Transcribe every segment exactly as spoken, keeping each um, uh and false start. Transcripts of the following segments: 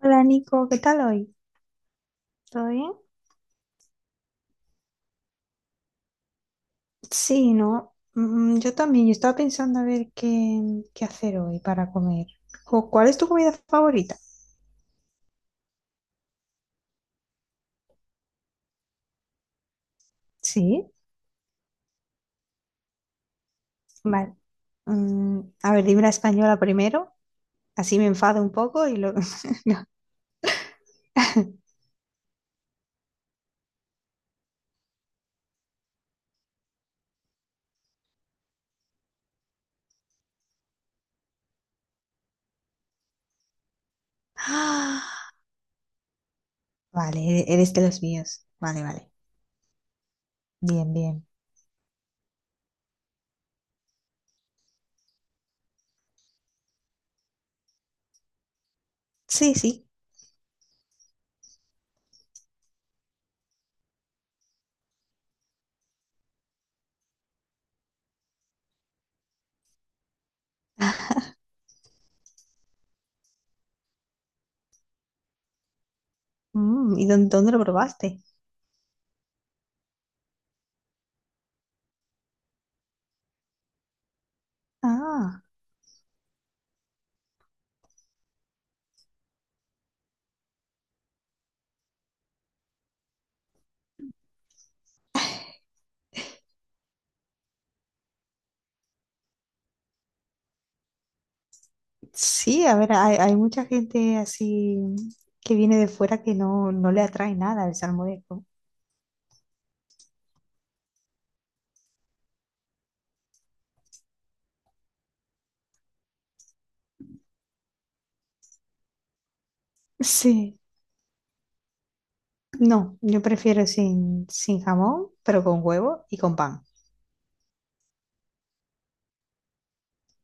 Hola Nico, ¿qué tal hoy? ¿Todo bien? Sí, no, Mm, yo también, yo estaba pensando a ver qué, qué hacer hoy para comer. Jo, ¿cuál es tu comida favorita? Sí, vale. Mm, a ver, dime la española primero, así me enfado un poco y luego no. Ah, vale, e-, eres de los míos. Vale, vale. Bien, bien. Sí, sí. Mm, ¿y dónde, dónde lo probaste? Ah. Sí, a ver, hay, hay mucha gente así que viene de fuera que no, no le atrae nada el salmorejo. Sí, no, yo prefiero sin, sin jamón, pero con huevo y con pan.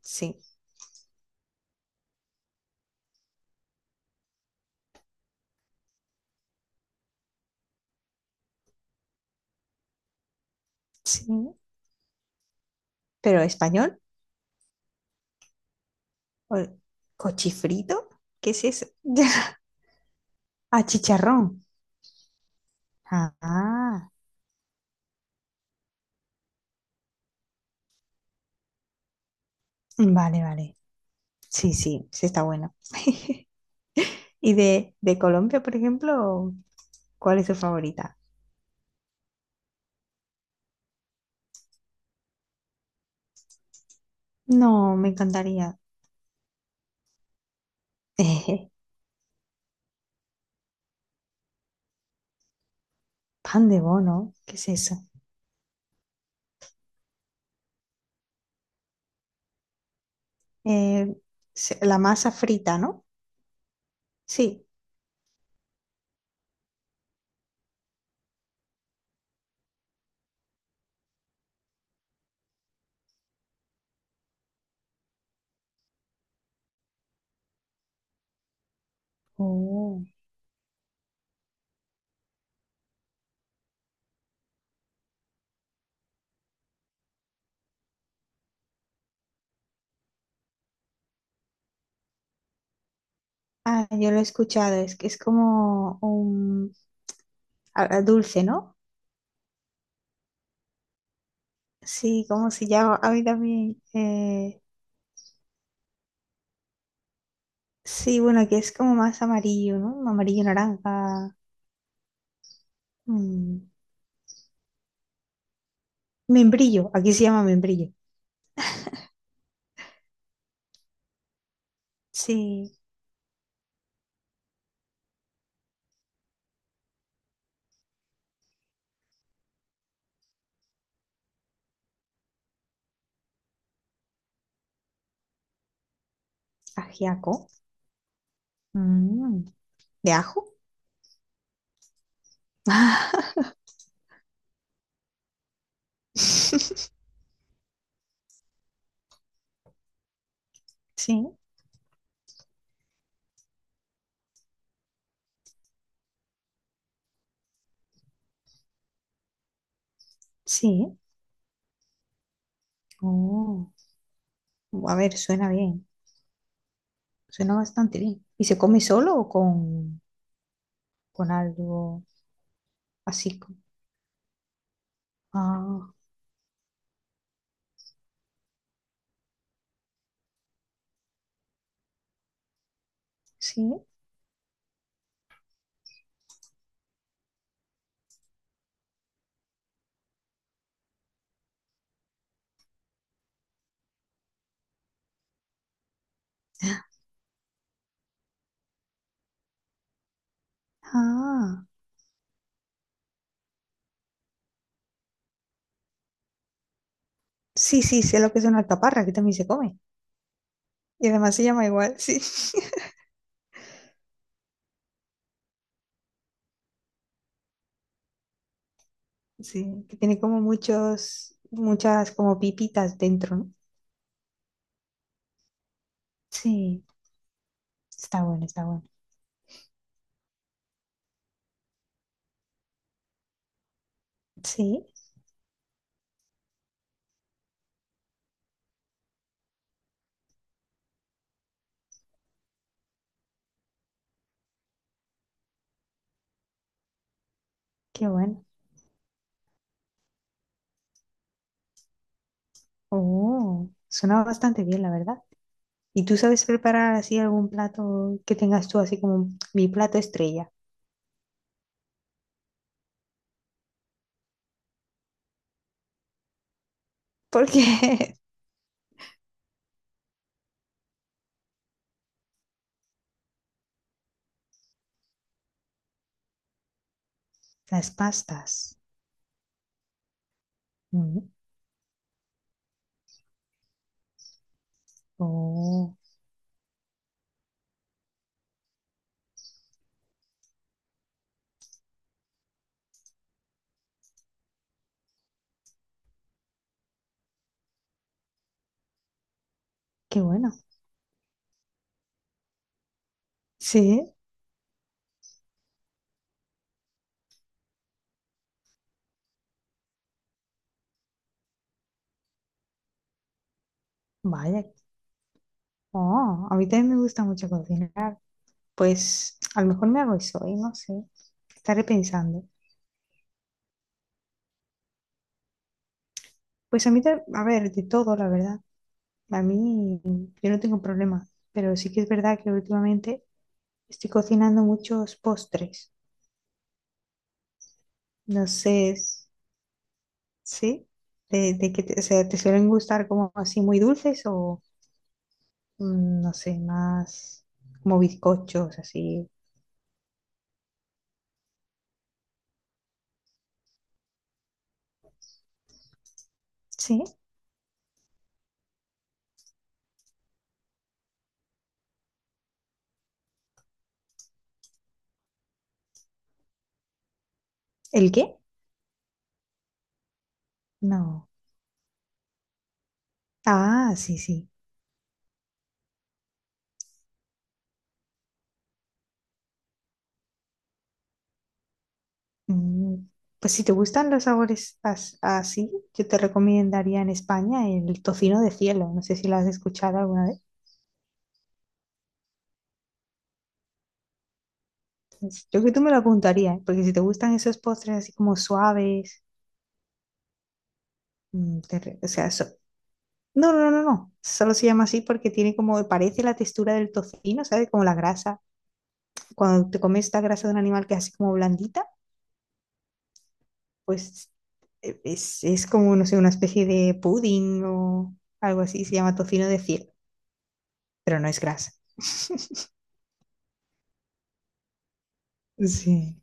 Sí, sí. Pero español, o- cochifrito, ¿qué es eso? Ah, chicharrón. Ah, vale, vale. Sí, sí, sí está bueno. ¿Y de, de Colombia, por ejemplo, cuál es tu favorita? No, me encantaría. Pan de bono, ¿qué es eso? Eh, se- la masa frita, ¿no? Sí. Oh, ah, yo lo he escuchado, es que es como un a- a dulce, ¿no? Sí, ¿como se llama? A mí también. Eh, sí, bueno, que es como más amarillo, ¿no? Amarillo, naranja. mm, membrillo, aquí se llama membrillo. Sí, ajiaco. mm, ¿de ajo? Sí, sí. Oh, a ver, suena bien. Suena bastante bien. ¿Y se come solo o con, con algo así? co- Ah, sí. Ah, sí, sí, sé lo que es una alcaparra, aquí también se come. Y además se llama igual, sí. Sí, que tiene como muchos, muchas como pipitas dentro, ¿no? Sí, está bueno, está bueno. Sí, qué bueno. Oh, suena bastante bien, la verdad. ¿Y tú sabes preparar así algún plato que tengas tú así como mi plato estrella? Porque las pastas. Mm. Oh, qué bueno. Sí, vaya. Oh, a mí también me gusta mucho cocinar. Pues a lo mejor me hago eso hoy, no sé. Estaré pensando. Pues a mí, ta- a ver, de todo, la verdad. A mí, yo no tengo problema. Pero sí que es verdad que últimamente estoy cocinando muchos postres. No sé, s- ¿sí? De, de que te, o sea, ¿te suelen gustar como así muy dulces o, mm, no sé, más como bizcochos, así? ¿Sí? ¿El qué? No. Ah, sí, sí. Mm, Pues si te gustan los sabores as- así, yo te recomendaría en España el tocino de cielo. No sé si lo has escuchado alguna vez. Pues, yo creo que tú me lo apuntarías, ¿eh? Porque si te gustan esos postres así como suaves, mm, te re- o sea, so- no, no, no, no. Solo se llama así porque tiene como, parece la textura del tocino, ¿sabes? Como la grasa. Cuando te comes esta grasa de un animal que es así como blandita, pues e- es, es como, no sé, una especie de pudding o algo así, se llama tocino de cielo. Pero no es grasa. Sí.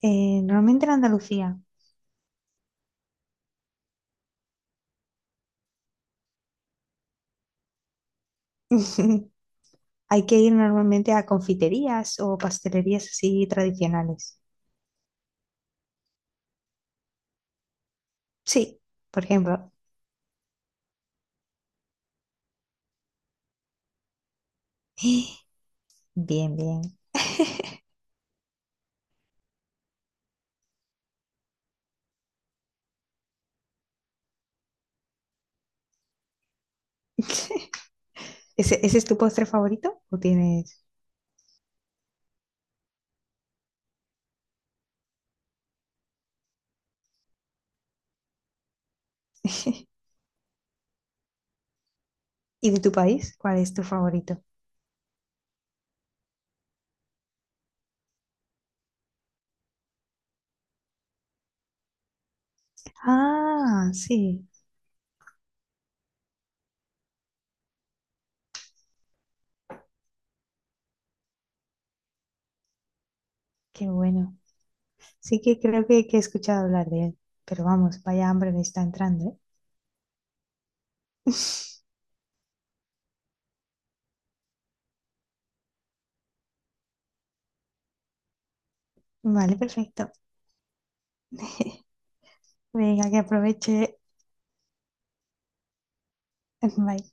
Eh, normalmente en Andalucía hay que ir normalmente a confiterías o pastelerías así tradicionales. Sí, por ejemplo. Bien, bien. ¿Ese, ese es tu postre favorito o tienes? ¿Y de tu país? ¿Cuál es tu favorito? Ah, sí, qué bueno. Sí que creo que, que he escuchado hablar de él, pero vamos, vaya hambre me está entrando, ¿eh? Vale, perfecto. Venga, que aproveche. Bye.